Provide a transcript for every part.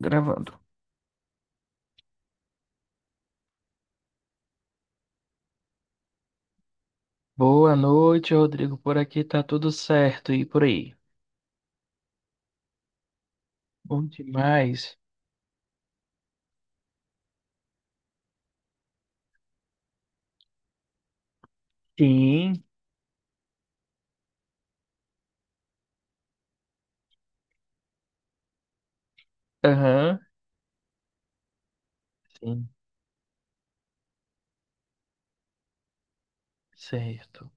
Gravando. Boa noite, Rodrigo. Por aqui tá tudo certo e por aí. Bom demais. Sim. Aham, sim. Certo.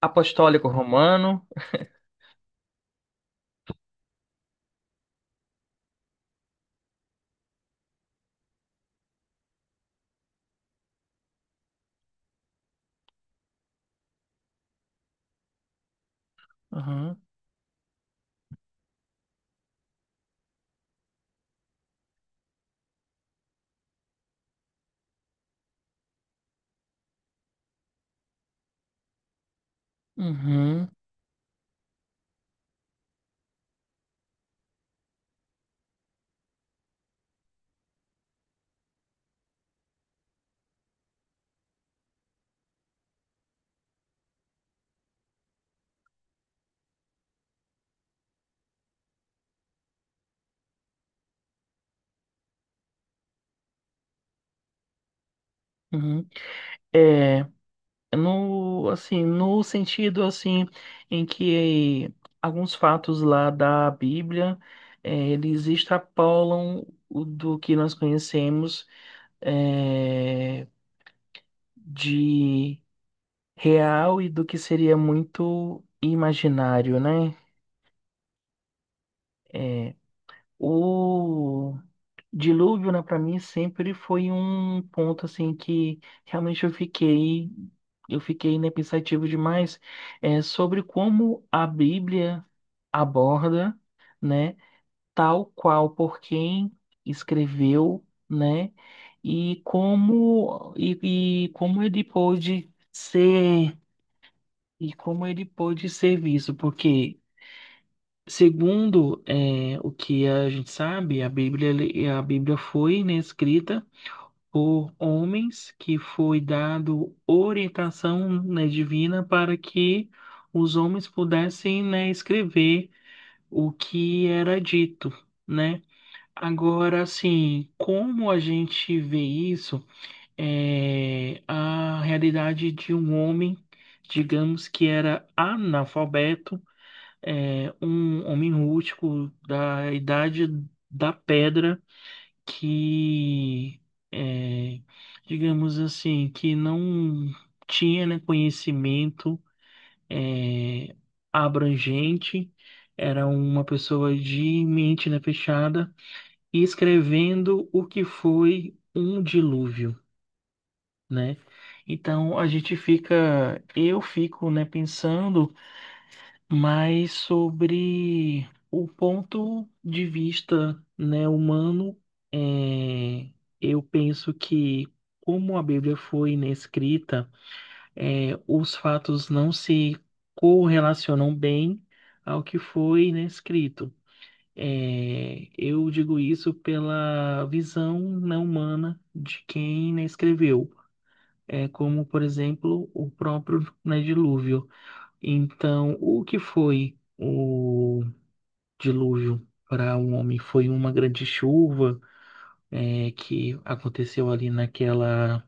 Apostólico Romano. Aham. Uhum. Uhum. É, no, assim, no sentido, assim, em que alguns fatos lá da Bíblia, é, eles extrapolam o do que nós conhecemos, é, de... real e do que seria muito imaginário, né? É, o dilúvio, né, para mim sempre foi um ponto assim que realmente eu fiquei, né, pensativo demais, é, sobre como a Bíblia aborda, né, tal qual por quem escreveu, né, e como ele pôde ser e como ele pôde ser visto, porque, segundo o que a gente sabe, a Bíblia, a Bíblia foi, né, escrita por homens que foi dado orientação, né, divina para que os homens pudessem, né, escrever o que era dito, né? Agora, assim, como a gente vê isso, é a realidade de um homem, digamos que era analfabeto, é, um homem rústico da idade da pedra que, é, digamos assim, que não tinha, né, conhecimento, é, abrangente, era uma pessoa de mente, né, fechada, e escrevendo o que foi um dilúvio, né? Então a gente fica, eu fico, né, pensando, mas sobre o ponto de vista, né, humano, é, eu penso que como a Bíblia foi inescrita, é, os fatos não se correlacionam bem ao que foi inescrito. É, eu digo isso pela visão não humana de quem, né, escreveu, é, como, por exemplo, o próprio, né, dilúvio. Então, o que foi o dilúvio para um homem foi uma grande chuva, é, que aconteceu ali naquela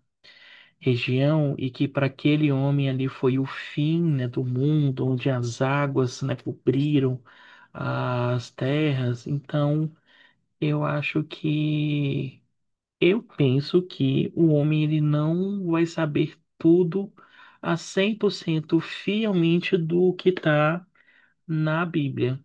região e que para aquele homem ali foi o fim, né, do mundo, onde as águas, né, cobriram as terras. Então, eu acho que eu penso que o homem ele não vai saber tudo a 100% fielmente do que está na Bíblia.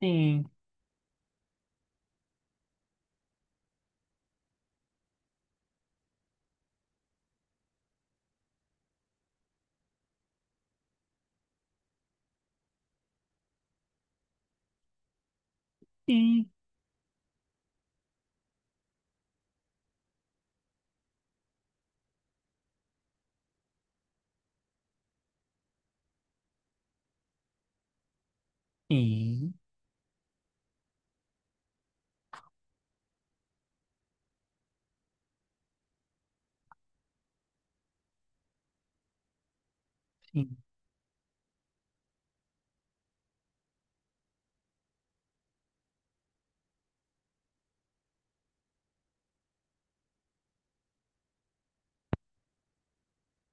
Sim, sim, sim. Sim.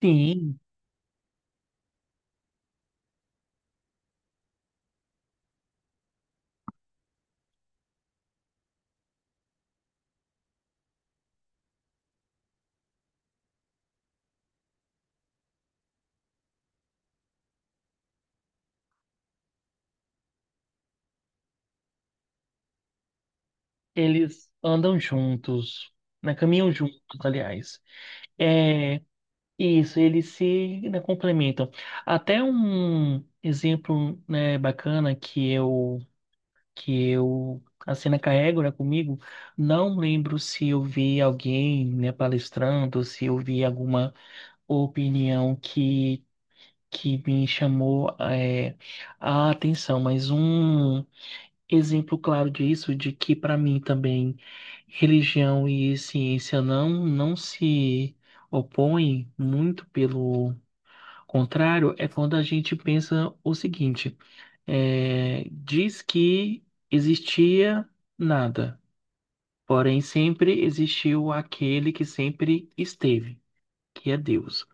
Sim, eles andam juntos, né? Caminham juntos, aliás. É isso, eles se, né, complementam. Até um exemplo, né, bacana que eu a cena carrego, né, comigo, não lembro se eu vi alguém, né, palestrando, se eu vi alguma opinião que me chamou, é, a atenção, mas um exemplo claro disso, de que para mim também religião e ciência não se opõem, muito pelo contrário, é quando a gente pensa o seguinte: é, diz que existia nada, porém sempre existiu aquele que sempre esteve, que é Deus.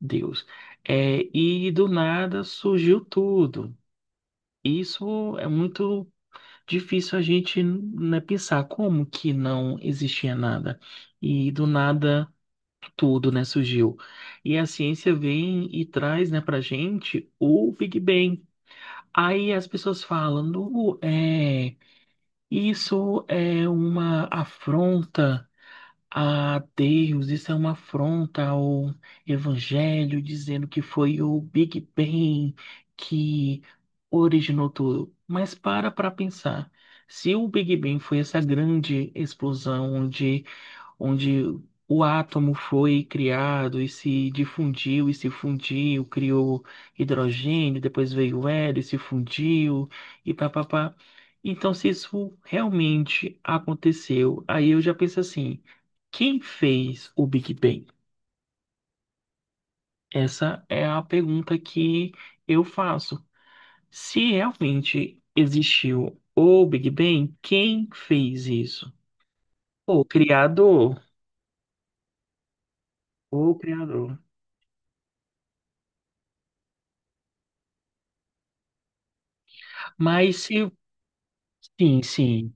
Deus. É, e do nada surgiu tudo. Isso é muito difícil a gente, né, pensar como que não existia nada e do nada tudo, né, surgiu. E a ciência vem e traz, né, pra gente o Big Bang. Aí as pessoas falam, "Nu, é, isso é uma afronta a Deus, isso é uma afronta ao Evangelho, dizendo que foi o Big Bang que originou tudo." Mas para pensar, se o Big Bang foi essa grande explosão onde o átomo foi criado e se difundiu e se fundiu, criou hidrogênio, depois veio o hélio, e se fundiu e papapá. Então, se isso realmente aconteceu, aí eu já penso assim, quem fez o Big Bang? Essa é a pergunta que eu faço. Se realmente existiu o Big Bang, quem fez isso? O criador, o criador. Mas se sim, sim.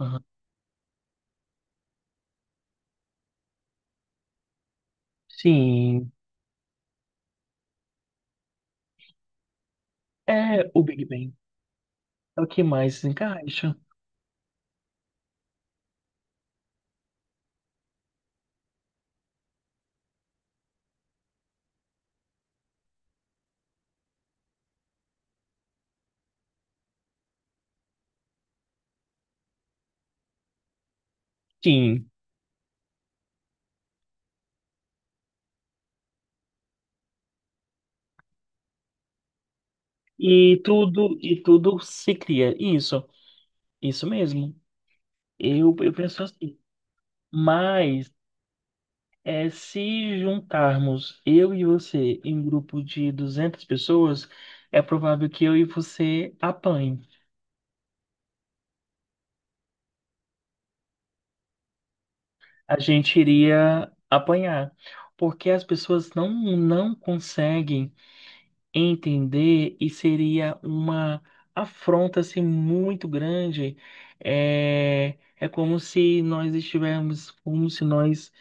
Aham. Sim. É o Big Bang. É o que mais encaixa. Sim. E tudo se cria. Isso, isso mesmo. Eu penso assim. Mas é, se juntarmos eu e você em um grupo de 200 pessoas, é provável que eu e você apanhem. A gente iria apanhar. Porque as pessoas não conseguem entender e seria uma afronta assim, muito grande. É, é como se nós estivéssemos, como se nós,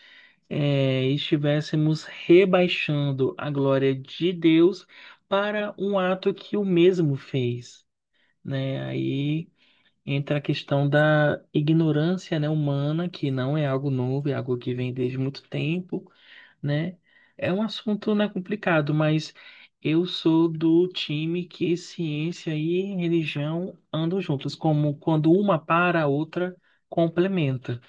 é, estivéssemos rebaixando a glória de Deus para um ato que o mesmo fez, né? Aí entra a questão da ignorância, né, humana, que não é algo novo, é algo que vem desde muito tempo, né? É um assunto, né, complicado, mas eu sou do time que ciência e religião andam juntas, como quando uma para, a outra complementa.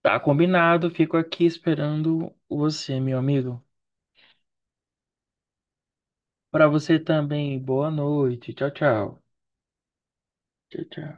Tá combinado, fico aqui esperando você, meu amigo. Para você também, boa noite. Tchau, tchau. Tchau, tchau.